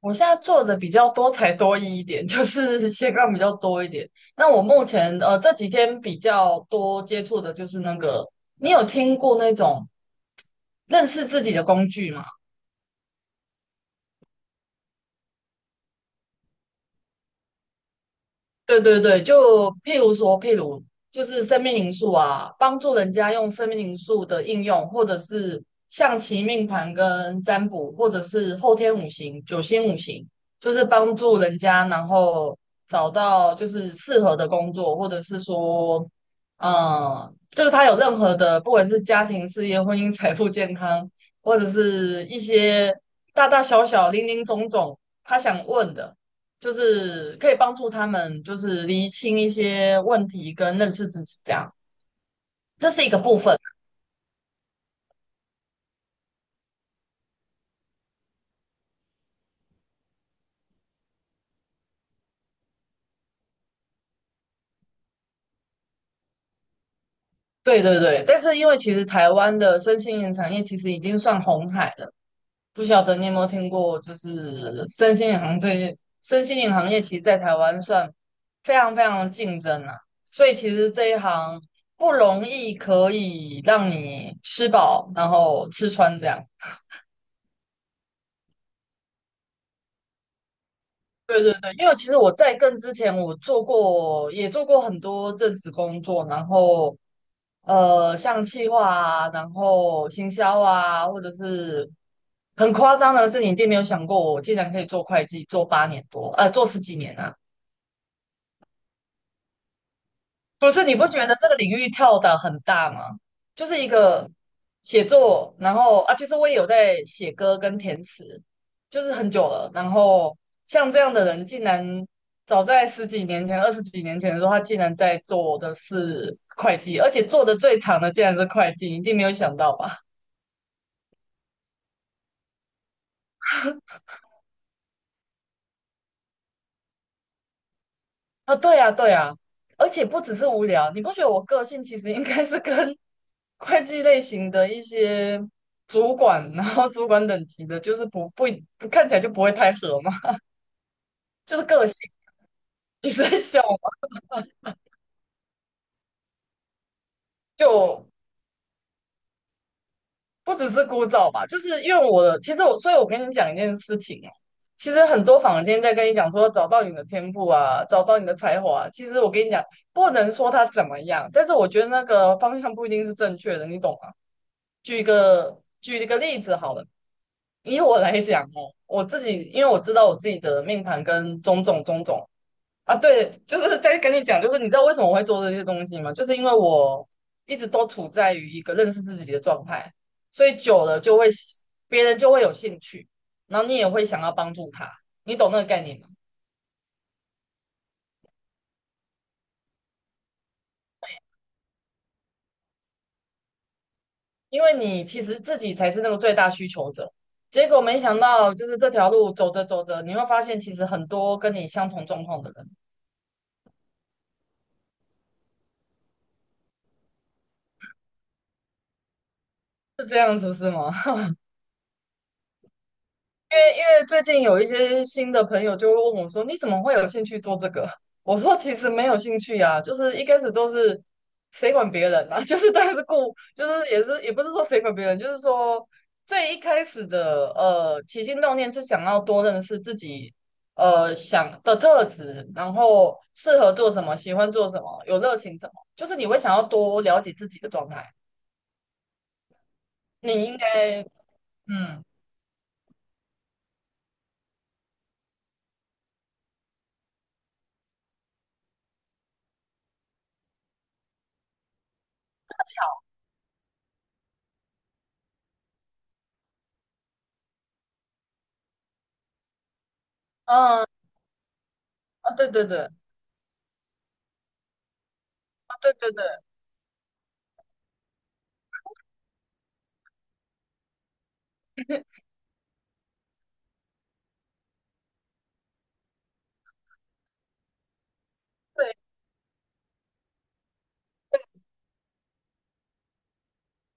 我现在做的比较多才多艺一点，就是斜杠比较多一点。那我目前这几天比较多接触的就是那个，你有听过那种认识自己的工具吗？对对对，就譬如说，譬如就是生命因素啊，帮助人家用生命因素的应用，或者是象棋命盘跟占卜，或者是后天五行、九星五行，就是帮助人家，然后找到就是适合的工作，或者是说，嗯，就是他有任何的，不管是家庭、事业、婚姻、财富、健康，或者是一些大大小小、零零总总，他想问的。就是可以帮助他们，就是厘清一些问题跟认识自己，这样这是一个部分啊。对对对，但是因为其实台湾的身心灵产业其实已经算红海了，不晓得你有没有听过，就是身心灵行业其实在台湾算非常非常竞争啊，所以其实这一行不容易可以让你吃饱，然后吃穿这样。对对对，因为其实我在更之前，我做过很多正职工作，然后像企划啊，然后行销啊，或者是很夸张的是，你一定没有想过，我竟然可以做会计，做八年多，做十几年啊。不是，你不觉得这个领域跳的很大吗？就是一个写作，然后啊，其实我也有在写歌跟填词，就是很久了。然后像这样的人，竟然早在十几年前、二十几年前的时候，他竟然在做的是会计，而且做的最长的竟然是会计，你一定没有想到吧？啊，对啊，对啊，而且不只是无聊，你不觉得我个性其实应该是跟 会计类型的一些主管，然后主管等级的，就是不看起来就不会太合嘛，就是个性。你是在笑吗？就不只是枯燥吧，就是因为我的，其实我，所以我跟你讲一件事情哦，其实很多坊间在跟你讲说找到你的天赋啊，找到你的才华啊其实我跟你讲，不能说他怎么样，但是我觉得那个方向不一定是正确的，你懂吗？举一个例子好了，以我来讲哦，我自己因为我知道我自己的命盘跟种种种种啊，对，就是在跟你讲，就是你知道为什么我会做这些东西吗？就是因为我一直都处在于一个认识自己的状态，所以久了就会别人就会有兴趣，然后你也会想要帮助他，你懂那个概念吗？因为你其实自己才是那个最大需求者。结果没想到，就是这条路走着走着，你会发现其实很多跟你相同状况的人是这样子，是吗？因为最近有一些新的朋友就会问我说："你怎么会有兴趣做这个？" 我说："其实没有兴趣呀、就是一开始都是谁管别人啊，就是但是顾，就是也是也不是说谁管别人，就是说最一开始的起心动念是想要多认识自己想的特质，然后适合做什么，喜欢做什么，有热情什么，就是你会想要多了解自己的状态。你应该嗯嗯啊，对对对啊，对对对。"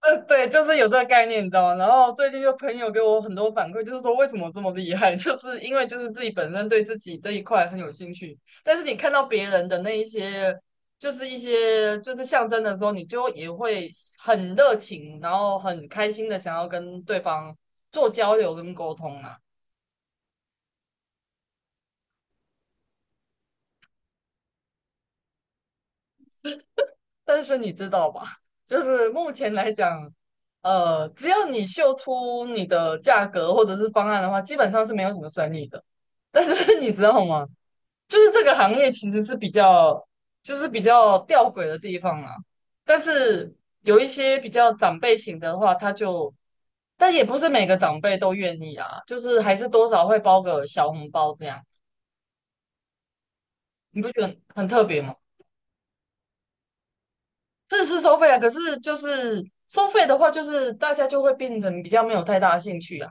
对，就是有这个概念，你知道吗？然后最近就朋友给我很多反馈，就是说为什么我这么厉害，就是因为就是自己本身对自己这一块很有兴趣，但是你看到别人的那一些，就是一些就是象征的时候，你就也会很热情，然后很开心的想要跟对方做交流跟沟通啊。但是你知道吧，就是目前来讲，只要你秀出你的价格或者是方案的话，基本上是没有什么生意的。但是你知道吗？就是这个行业其实是比较，就是比较吊诡的地方啊。但是有一些比较长辈型的话，他就，但也不是每个长辈都愿意啊，就是还是多少会包个小红包这样，你不觉得很特别吗？这是收费啊，可是就是收费的话，就是大家就会变成比较没有太大的兴趣啊。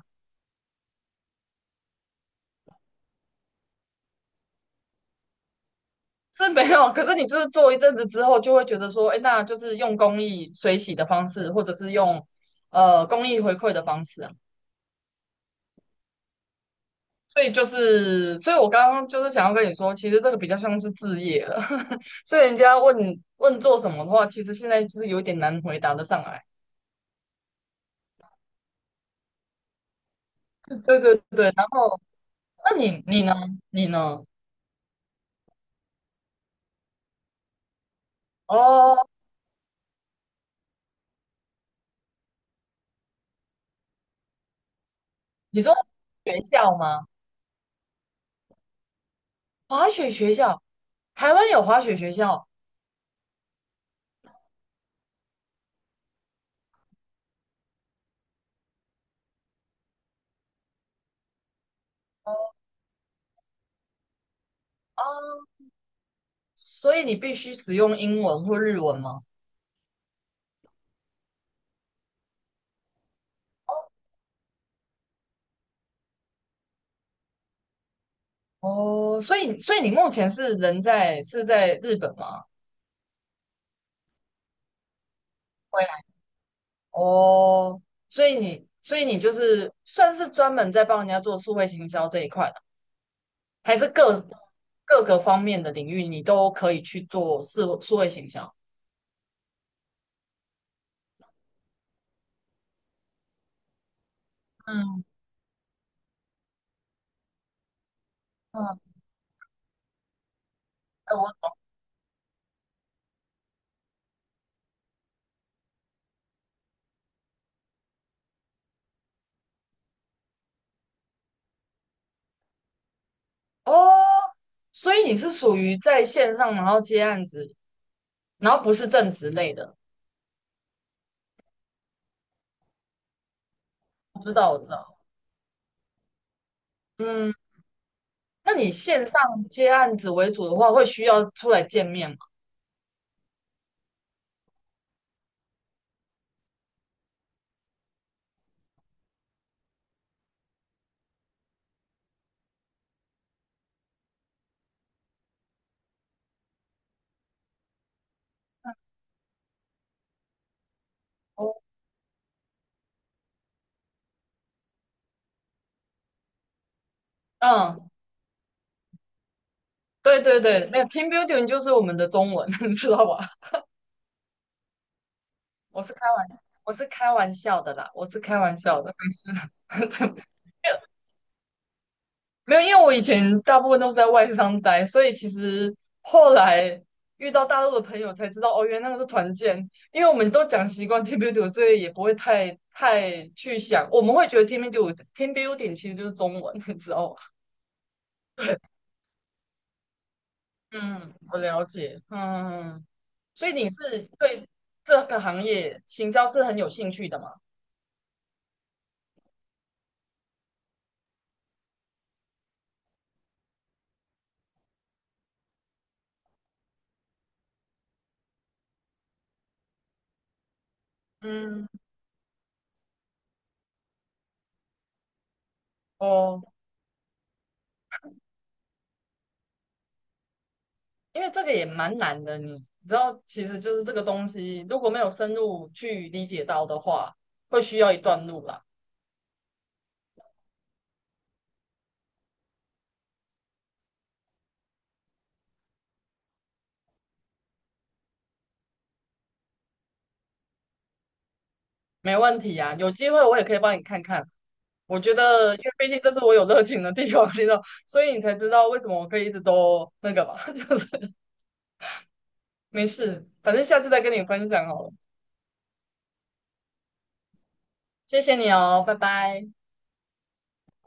这没有，可是你就是做一阵子之后，就会觉得说，哎，那就是用公益水洗的方式，或者是用公益回馈的方式啊。所以就是，所以我刚刚就是想要跟你说，其实这个比较像是置业了。所以人家问做什么的话，其实现在就是有点难回答得上来。对对对，然后那你呢？你呢？哦，你说学校吗？滑雪学校，台湾有滑雪学校啊，所以你必须使用英文或日文吗？哦，所以你目前是人在日本吗？会。哦，所以你，所以你就是算是专门在帮人家做数位行销这一块的，还是各个方面的领域你都可以去做数位行销？嗯嗯，哎我哦，所以你是属于在线上，然后接案子，然后不是正职类的。我知道，我知道。嗯，那你线上接案子为主的话，会需要出来见面吗？哦，嗯，对对对，没有 team building 就是我们的中文，知道吧？我是开玩，我是开玩笑的啦，我是开玩笑的，没事，没有，因为我以前大部分都是在外商待，所以其实后来遇到大陆的朋友才知道，哦，原来那个是团建，因为我们都讲习惯 team building，所以也不会太去想，我们会觉得 team building 其实就是中文，你知道吗？对，嗯，我了解，嗯，所以你是对这个行业行销是很有兴趣的嘛？嗯，哦。因为这个也蛮难的，你知道，其实就是这个东西，如果没有深入去理解到的话，会需要一段路啦。没问题啊，有机会我也可以帮你看看。我觉得，因为毕竟这是我有热情的地方，你知道，所以你才知道为什么我可以一直都那个吧，就是没事，反正下次再跟你分享好了。谢谢你哦，拜拜。